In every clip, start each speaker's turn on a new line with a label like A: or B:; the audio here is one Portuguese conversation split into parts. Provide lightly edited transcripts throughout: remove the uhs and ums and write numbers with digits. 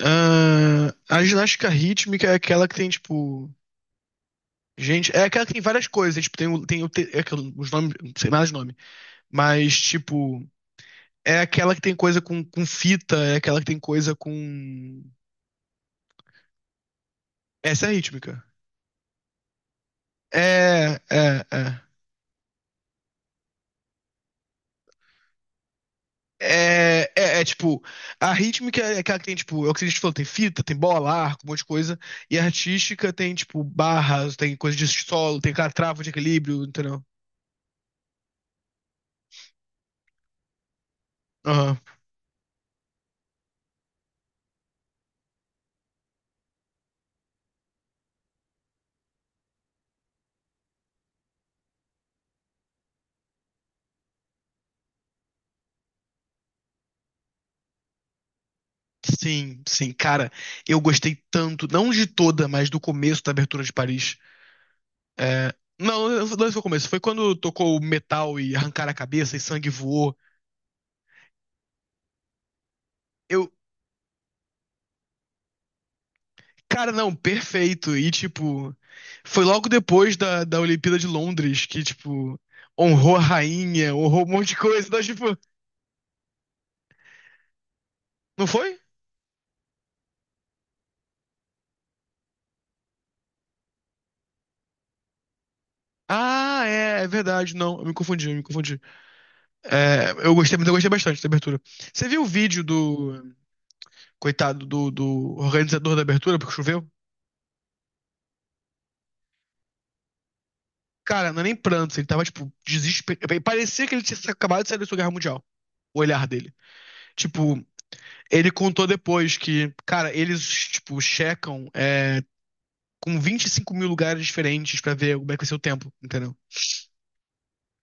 A: A ginástica rítmica é aquela que tem, tipo. Gente, é aquela que tem várias coisas. Tipo, tem, o- tem o te- é aquele- os nomes, não sei mais os nomes. Mas, tipo, é aquela que tem coisa com fita, é aquela que tem coisa com. Essa é a rítmica. É, é, é. É, é, é, tipo, a rítmica é aquela que tem, tipo, é o que a gente falou, tem fita, tem bola, arco, um monte de coisa. E a artística tem, tipo, barras, tem coisa de solo, tem aquela trava de equilíbrio, entendeu? Sim, sim, cara, eu gostei tanto, não de toda, mas do começo da abertura de Paris. É, não, não foi o começo, foi quando tocou o metal e arrancaram a cabeça e sangue voou. Eu, cara, não, perfeito. E tipo, foi logo depois da Olimpíada de Londres que, tipo, honrou a rainha, honrou um monte de coisa. Então, tipo, não foi? Ah, é verdade, não, eu me confundi, eu me confundi. É, eu gostei, mas eu gostei bastante da abertura. Você viu o vídeo do coitado do organizador da abertura, porque choveu. Cara, não é nem prantos, ele tava, tipo, desesperado. Parecia que ele tinha acabado de sair da Segunda Guerra Mundial. O olhar dele. Tipo, ele contou depois que, cara, eles, tipo, checam, com 25 mil lugares diferentes pra ver como é que vai ser o tempo, entendeu?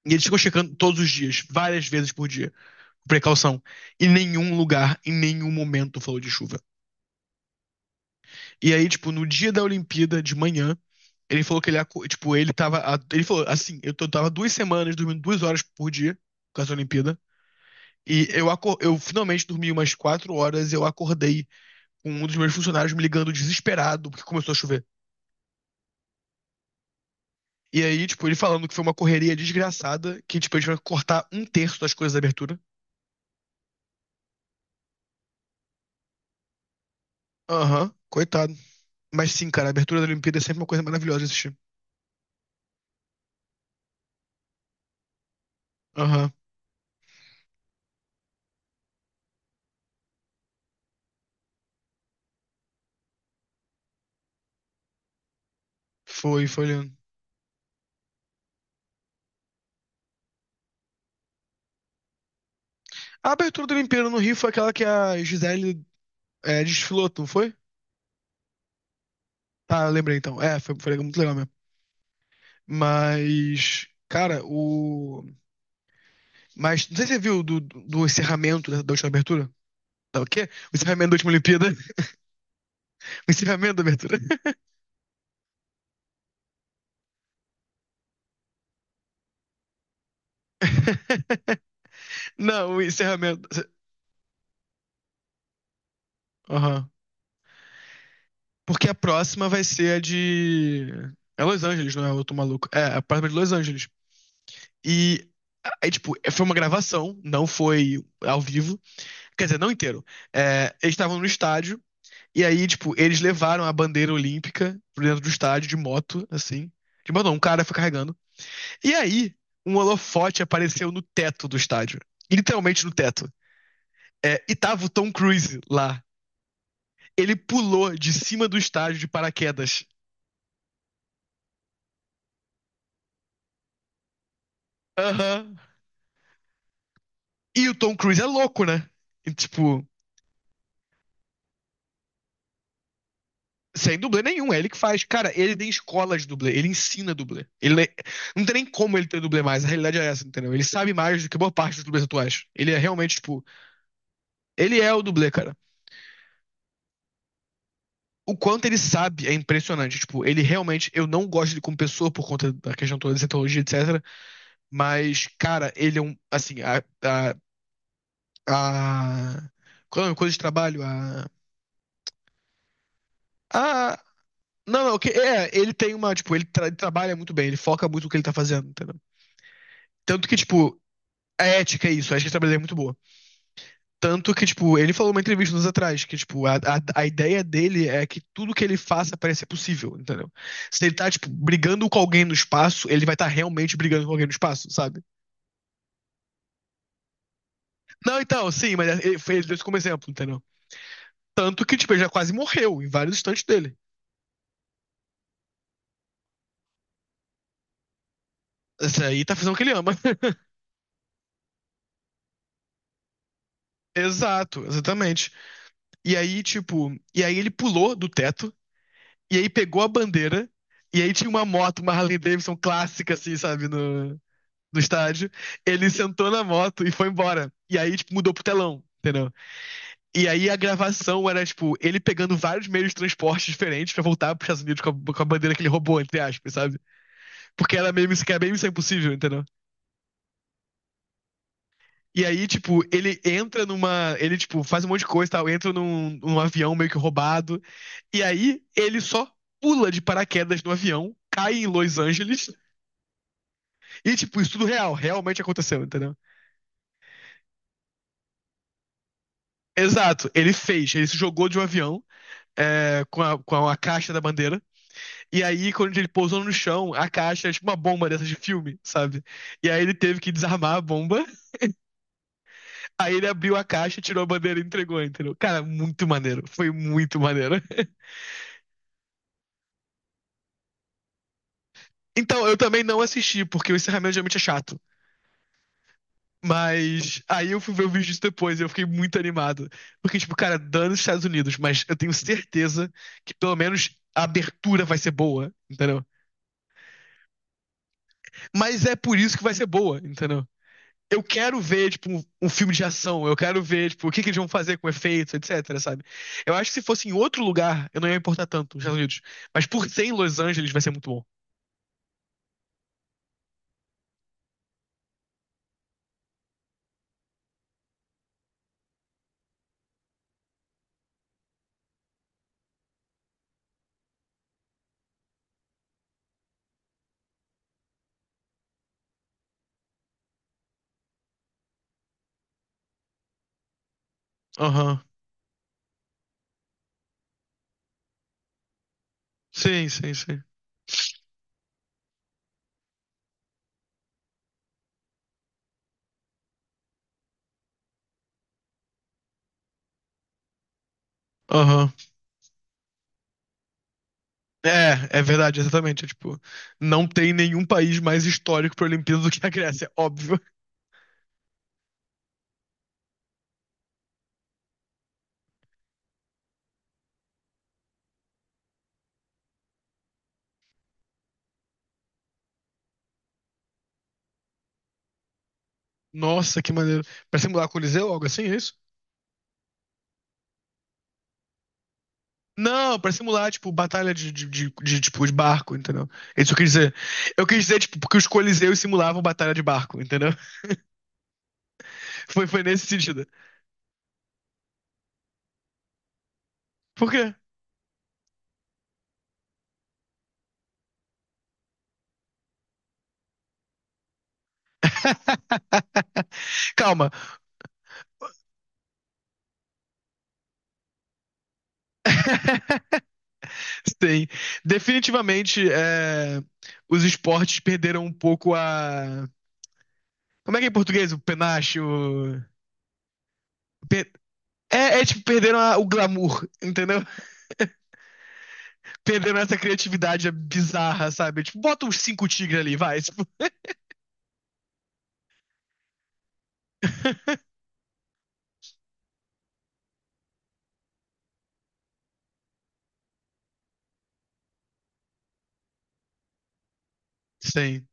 A: E eles ficam checando todos os dias, várias vezes por dia, com precaução. E nenhum lugar, em nenhum momento, falou de chuva. E aí, tipo, no dia da Olimpíada, de manhã, ele falou que ele, tipo, ele tava, ele falou assim, tava 2 semanas dormindo 2 horas por dia por causa da Olimpíada, e eu finalmente dormi umas 4 horas e eu acordei com um dos meus funcionários me ligando desesperado porque começou a chover. E aí, tipo, ele falando que foi uma correria desgraçada, que, tipo, a gente vai cortar um terço das coisas da abertura. Aham, coitado. Mas sim, cara, a abertura da Olimpíada é sempre uma coisa maravilhosa de assistir. Aham, foi lindo. A abertura da Olimpíada no Rio foi aquela que a Gisele. É, desfilou, não foi? Tá, lembrei então. É, foi muito legal mesmo. Mas, cara, o. Mas, não sei se você viu do encerramento da última abertura. Tá, o quê? O encerramento da última Olimpíada. O encerramento da abertura. Não, o encerramento. Aham. Porque a próxima vai ser a de. É Los Angeles, não é? Eu tô maluco. É, a próxima é de Los Angeles. E. Aí, tipo, foi uma gravação, não foi ao vivo. Quer dizer, não inteiro. É, eles estavam no estádio. E aí, tipo, eles levaram a bandeira olímpica pro dentro do estádio de moto, assim. De moto, não, um cara foi carregando. E aí, um holofote apareceu no teto do estádio. Literalmente no teto. É, e tava o Tom Cruise lá. Ele pulou de cima do estádio de paraquedas. Aham. Uhum. E o Tom Cruise é louco, né? E, tipo, sem dublê nenhum, é ele que faz. Cara, ele tem escola de dublê, ele ensina dublê. Ele não tem nem como ele ter dublê mais, a realidade é essa, entendeu? Ele sabe mais do que boa parte dos dublês atuais. Ele é realmente, tipo. Ele é o dublê, cara. O quanto ele sabe é impressionante. Tipo, ele realmente. Eu não gosto dele como pessoa por conta da questão toda de cientologia, etc. Mas, cara, ele é um. Assim, a, a qual é o coisa de trabalho? A. a Não, não, ele tem uma. Tipo, ele trabalha muito bem, ele foca muito no que ele tá fazendo, entendeu? Tanto que, tipo, a ética é isso, a ética de trabalho é muito boa. Tanto que, tipo, ele falou numa entrevista uns anos atrás que, tipo, a ideia dele é que tudo que ele faça parece possível, entendeu? Se ele tá, tipo, brigando com alguém no espaço, ele vai estar tá realmente brigando com alguém no espaço, sabe? Não, então, sim, mas ele, ele deu isso como exemplo, entendeu? Tanto que, tipo, ele já quase morreu em vários instantes dele. Esse aí tá fazendo o que ele ama. Exato, exatamente. E aí, tipo, e aí ele pulou do teto, e aí pegou a bandeira, e aí tinha uma moto, uma Harley Davidson clássica, assim, sabe? No... Do estádio, ele sentou na moto e foi embora. E aí, tipo, mudou pro telão, entendeu? E aí a gravação era, tipo, ele pegando vários meios de transporte diferentes pra voltar pros Estados Unidos com a bandeira que ele roubou, entre aspas, sabe? Porque era meio que era bem missão impossível, entendeu? E aí, tipo, ele entra numa. Ele, tipo, faz um monte de coisa e tal, entra num avião meio que roubado. E aí, ele só pula de paraquedas no avião, cai em Los Angeles. E, tipo, isso tudo realmente aconteceu, entendeu? Exato, ele fez, ele se jogou de um avião com a caixa da bandeira. E aí, quando ele pousou no chão, a caixa é tipo uma bomba dessas de filme, sabe? E aí ele teve que desarmar a bomba, aí ele abriu a caixa, tirou a bandeira e entregou, entendeu? Cara, muito maneiro. Foi muito maneiro. Então, eu também não assisti, porque o encerramento geralmente é chato. Mas aí eu fui ver o vídeo disso depois e eu fiquei muito animado. Porque, tipo, cara, dando os Estados Unidos, mas eu tenho certeza que pelo menos a abertura vai ser boa, entendeu? Mas é por isso que vai ser boa, entendeu? Eu quero ver, tipo, um filme de ação, eu quero ver, tipo, o que, que eles vão fazer com efeitos, etc, sabe? Eu acho que se fosse em outro lugar, eu não ia importar tanto, nos Estados Unidos. Mas por ser em Los Angeles, vai ser muito bom. Aham. Sim, sim, sim. Aham. É verdade, exatamente. É, tipo, não tem nenhum país mais histórico pra Olimpíada do que a Grécia, óbvio. Nossa, que maneiro. Pra simular Coliseu, algo assim, é isso? Não, pra simular, tipo, batalha tipo, de barco, entendeu? É isso que eu quis dizer. Eu quis dizer, tipo, porque os Coliseus simulavam batalha de barco, entendeu? Foi nesse sentido. Por quê? Calma. Sim. Definitivamente, os esportes perderam um pouco a. Como é que é em português? O penacho. O. pe- é tipo, perderam o glamour, entendeu? Perderam essa criatividade bizarra, sabe? Tipo, bota uns cinco tigres ali, vai. Tipo, Sim,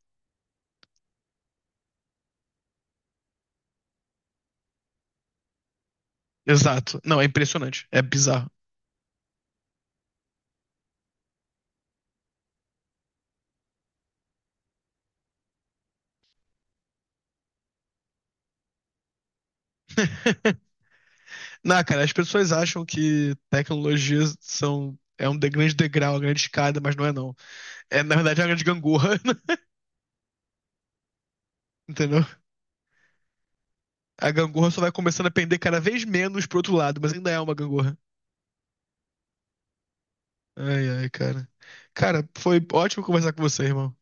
A: exato. Não, é impressionante. É bizarro. Não, cara, as pessoas acham que tecnologias são um grande degrau, uma grande escada, mas não é não. É, na verdade, é uma grande gangorra, entendeu? A gangorra só vai começando a pender cada vez menos pro outro lado, mas ainda é uma gangorra. Ai, ai, cara. Cara, foi ótimo conversar com você, irmão.